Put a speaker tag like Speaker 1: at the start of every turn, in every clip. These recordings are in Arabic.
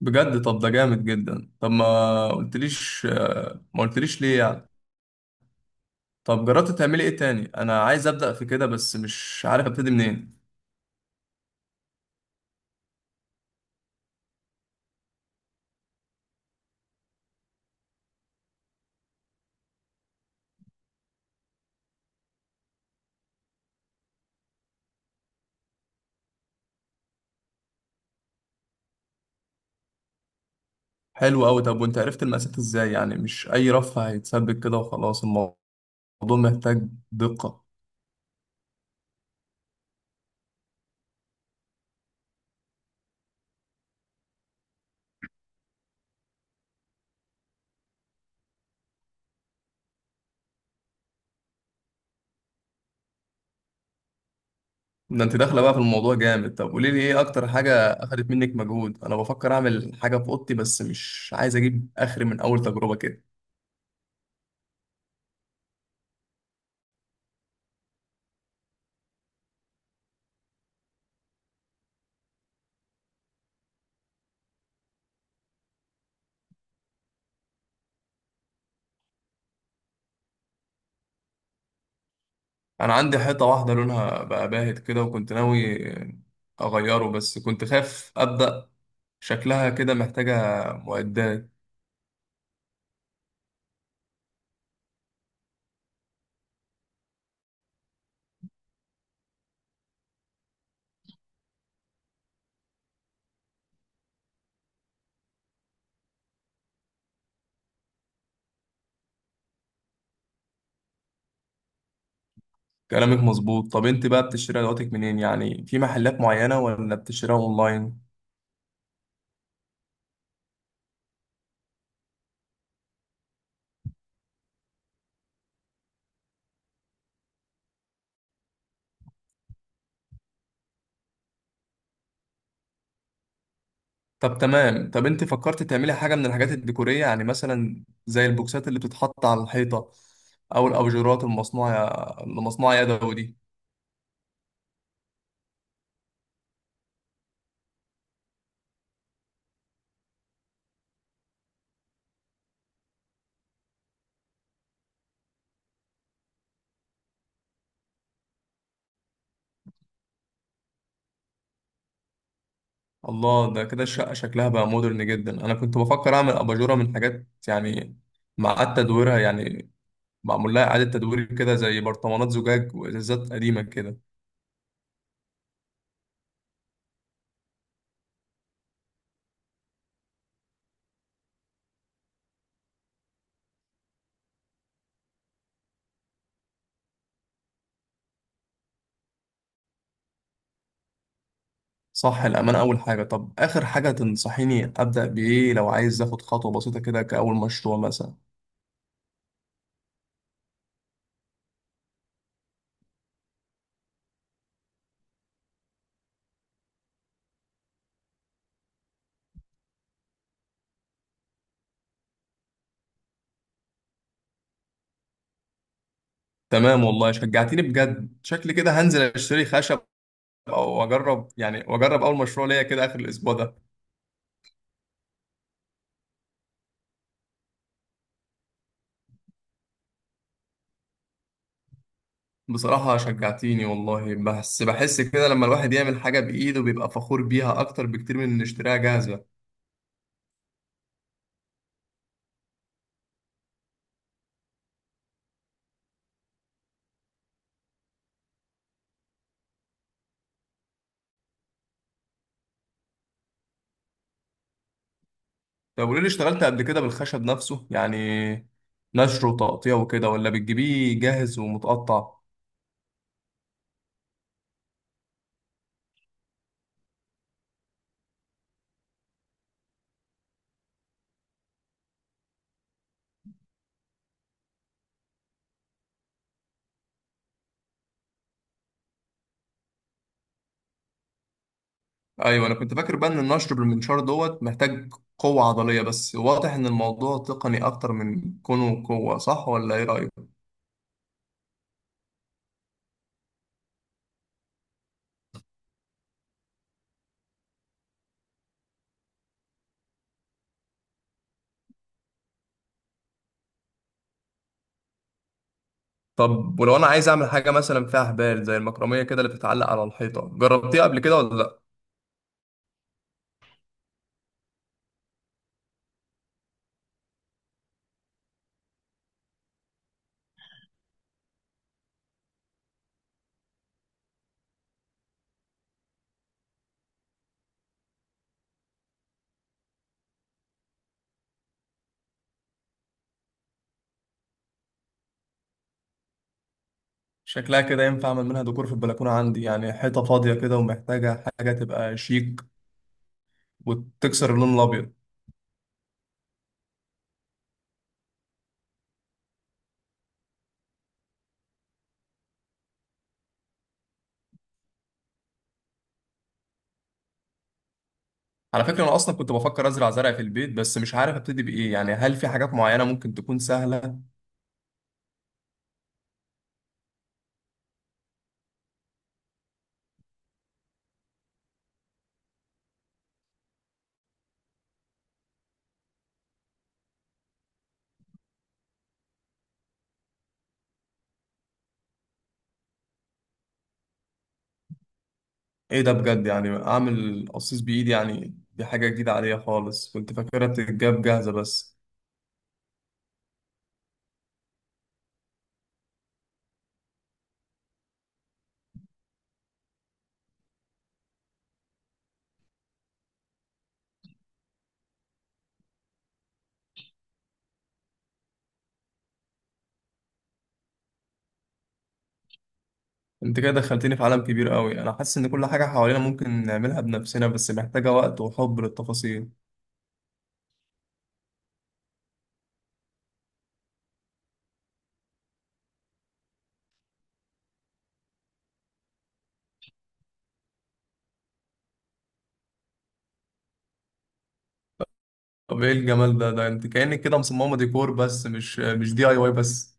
Speaker 1: بجد. طب ده جامد جدا. طب ما قلتليش، ما قلتليش ليه يعني؟ طب جربت تعملي ايه تاني؟ انا عايز ابدا في كده بس مش عارف ابتدي منين. حلو قوي. طب وانت عرفت المقاسات ازاي؟ يعني مش اي رف هيتثبت كده وخلاص، الموضوع محتاج دقة. ده انت داخله بقى في الموضوع جامد. طب قولي لي ايه اكتر حاجه اخدت منك مجهود؟ انا بفكر اعمل حاجه في اوضتي بس مش عايز اجيب اخري من اول تجربه كده. انا عندي حيطه واحده لونها بقى باهت كده وكنت ناوي اغيره بس كنت خايف ابدا. شكلها كده محتاجة معدات. كلامك مظبوط. طب انت بقى بتشتري ادواتك منين؟ يعني في محلات معينة ولا بتشتريها اونلاين؟ طب تمام. طب انت فكرت تعملي حاجة من الحاجات الديكورية يعني مثلا زي البوكسات اللي بتتحط على الحيطة، او الابجورات المصنوعة يدوي دي؟ الله، ده كده الشقة شكلها بقى مودرن جدا. انا كنت بفكر اعمل اباجورة من حاجات يعني معاد تدويرها، يعني معمول لها اعادة تدوير كده، زي برطمانات زجاج وازازات قديمة كده. صح، الأمانة أول حاجة. طب آخر حاجة تنصحيني أبدأ بإيه لو عايز آخد خطوة بسيطة كده كأول مشروع مثلا؟ تمام، والله شجعتيني بجد. شكلي كده هنزل أشتري خشب، أو أجرب يعني، وأجرب أول مشروع ليا كده آخر الأسبوع ده. بصراحة شجعتيني والله. بس بحس كده لما الواحد يعمل حاجة بإيده بيبقى فخور بيها أكتر بكتير من إن يشتريها جاهزة. طب قولي لي، اشتغلت قبل كده بالخشب نفسه يعني نشره وتقطيع وكده، ولا بتجيبيه جاهز ومتقطع؟ ايوه، انا كنت فاكر بقى ان النشر بالمنشار دوت محتاج قوه عضليه، بس واضح ان الموضوع تقني اكتر من كونه قوه. صح ولا ايه رايك؟ طب ولو انا عايز اعمل حاجه مثلا فيها حبال زي المكرميه كده اللي بتتعلق على الحيطه، جربتيها قبل كده ولا لا؟ شكلها كده ينفع اعمل منها ديكور في البلكونه، عندي يعني حيطه فاضيه كده ومحتاجه حاجه تبقى شيك وتكسر اللون الابيض. على فكره انا اصلا كنت بفكر ازرع زرع في البيت بس مش عارف ابتدي بايه. يعني هل في حاجات معينه ممكن تكون سهله؟ ايه ده بجد؟ يعني اعمل قصيص بايدي؟ يعني دي حاجه جديده عليا خالص، كنت فاكرها بتتجاب جاهزه بس. انت كده دخلتني في عالم كبير قوي. انا حاسس ان كل حاجه حوالينا ممكن نعملها بنفسنا بس محتاجه وقت وحب للتفاصيل. طب ايه الجمال ده؟ ده انت كانك كده مصممه ديكور بس، مش دي اي واي بس.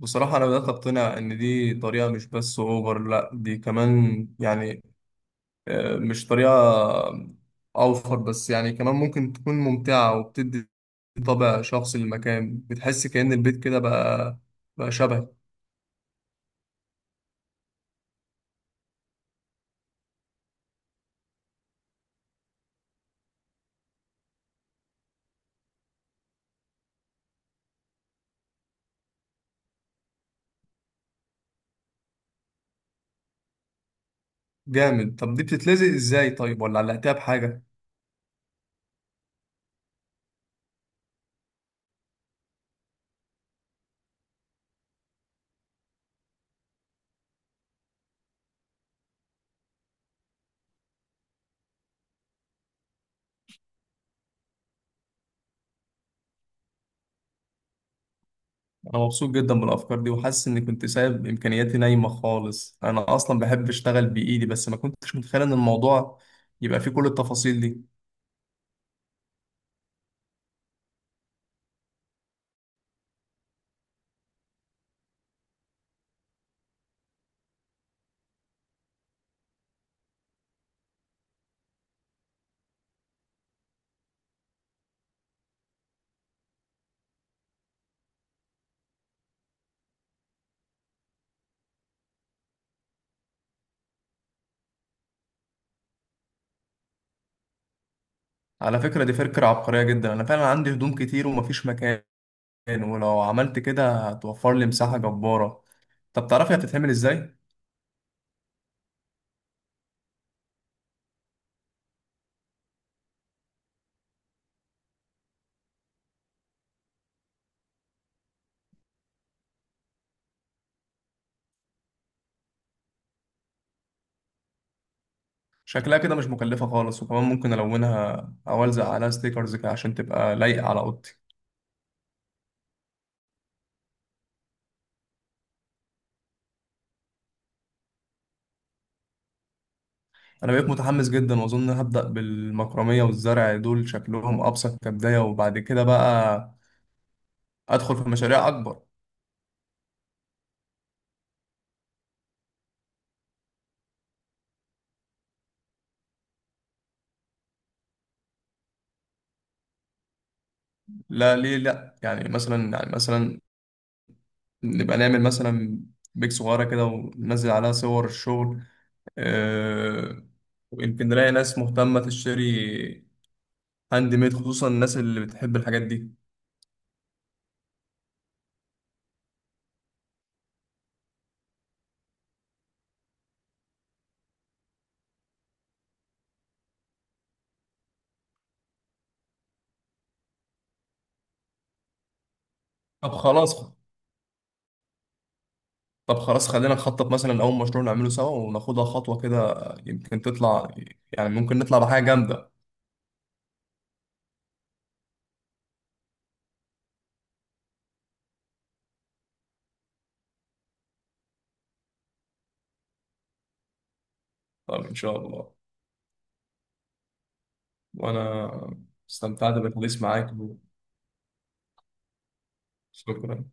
Speaker 1: بصراحه انا بدات اقتنع ان دي طريقه مش بس اوفر، لا دي كمان يعني، مش طريقة أوفر بس يعني، كمان ممكن تكون ممتعة وبتدي طابع شخصي للمكان. بتحس كأن البيت كده بقى، شبه. جامد. طب دي بتتلزق إزاي طيب، ولا علقتها بحاجة؟ أنا مبسوط جدا بالأفكار دي وحاسس إني كنت سايب إمكانياتي نايمة خالص. أنا أصلا بحب أشتغل بإيدي بس ما كنتش متخيل إن الموضوع يبقى فيه كل التفاصيل دي. على فكرة دي فكرة عبقرية جدا. أنا فعلا عندي هدوم كتير ومفيش مكان، ولو عملت كده هتوفر لي مساحة جبارة. طب تعرفي هتتعمل ازاي؟ شكلها كده مش مكلفة خالص، وكمان ممكن ألونها أو ألزق عليها ستيكرز كده عشان تبقى لايقة على أوضتي. أنا بقيت متحمس جدا وأظن هبدأ بالمكرمية والزرع، دول شكلهم أبسط كبداية، وبعد كده بقى أدخل في مشاريع أكبر. لا ليه لأ؟ يعني مثلا، يعني مثلا نبقى نعمل بيك صغيرة كده وننزل عليها صور الشغل. أه، ويمكن نلاقي ناس مهتمة تشتري هاند ميد، خصوصا الناس اللي بتحب الحاجات دي. طب خلاص، طب خلاص خلينا نخطط مثلا أول مشروع نعمله سوا وناخدها خطوة كده. يمكن تطلع، يعني ممكن نطلع بحاجة جامدة. طب إن شاء الله. وأنا استمتعت بالحديث معاك. شكرا.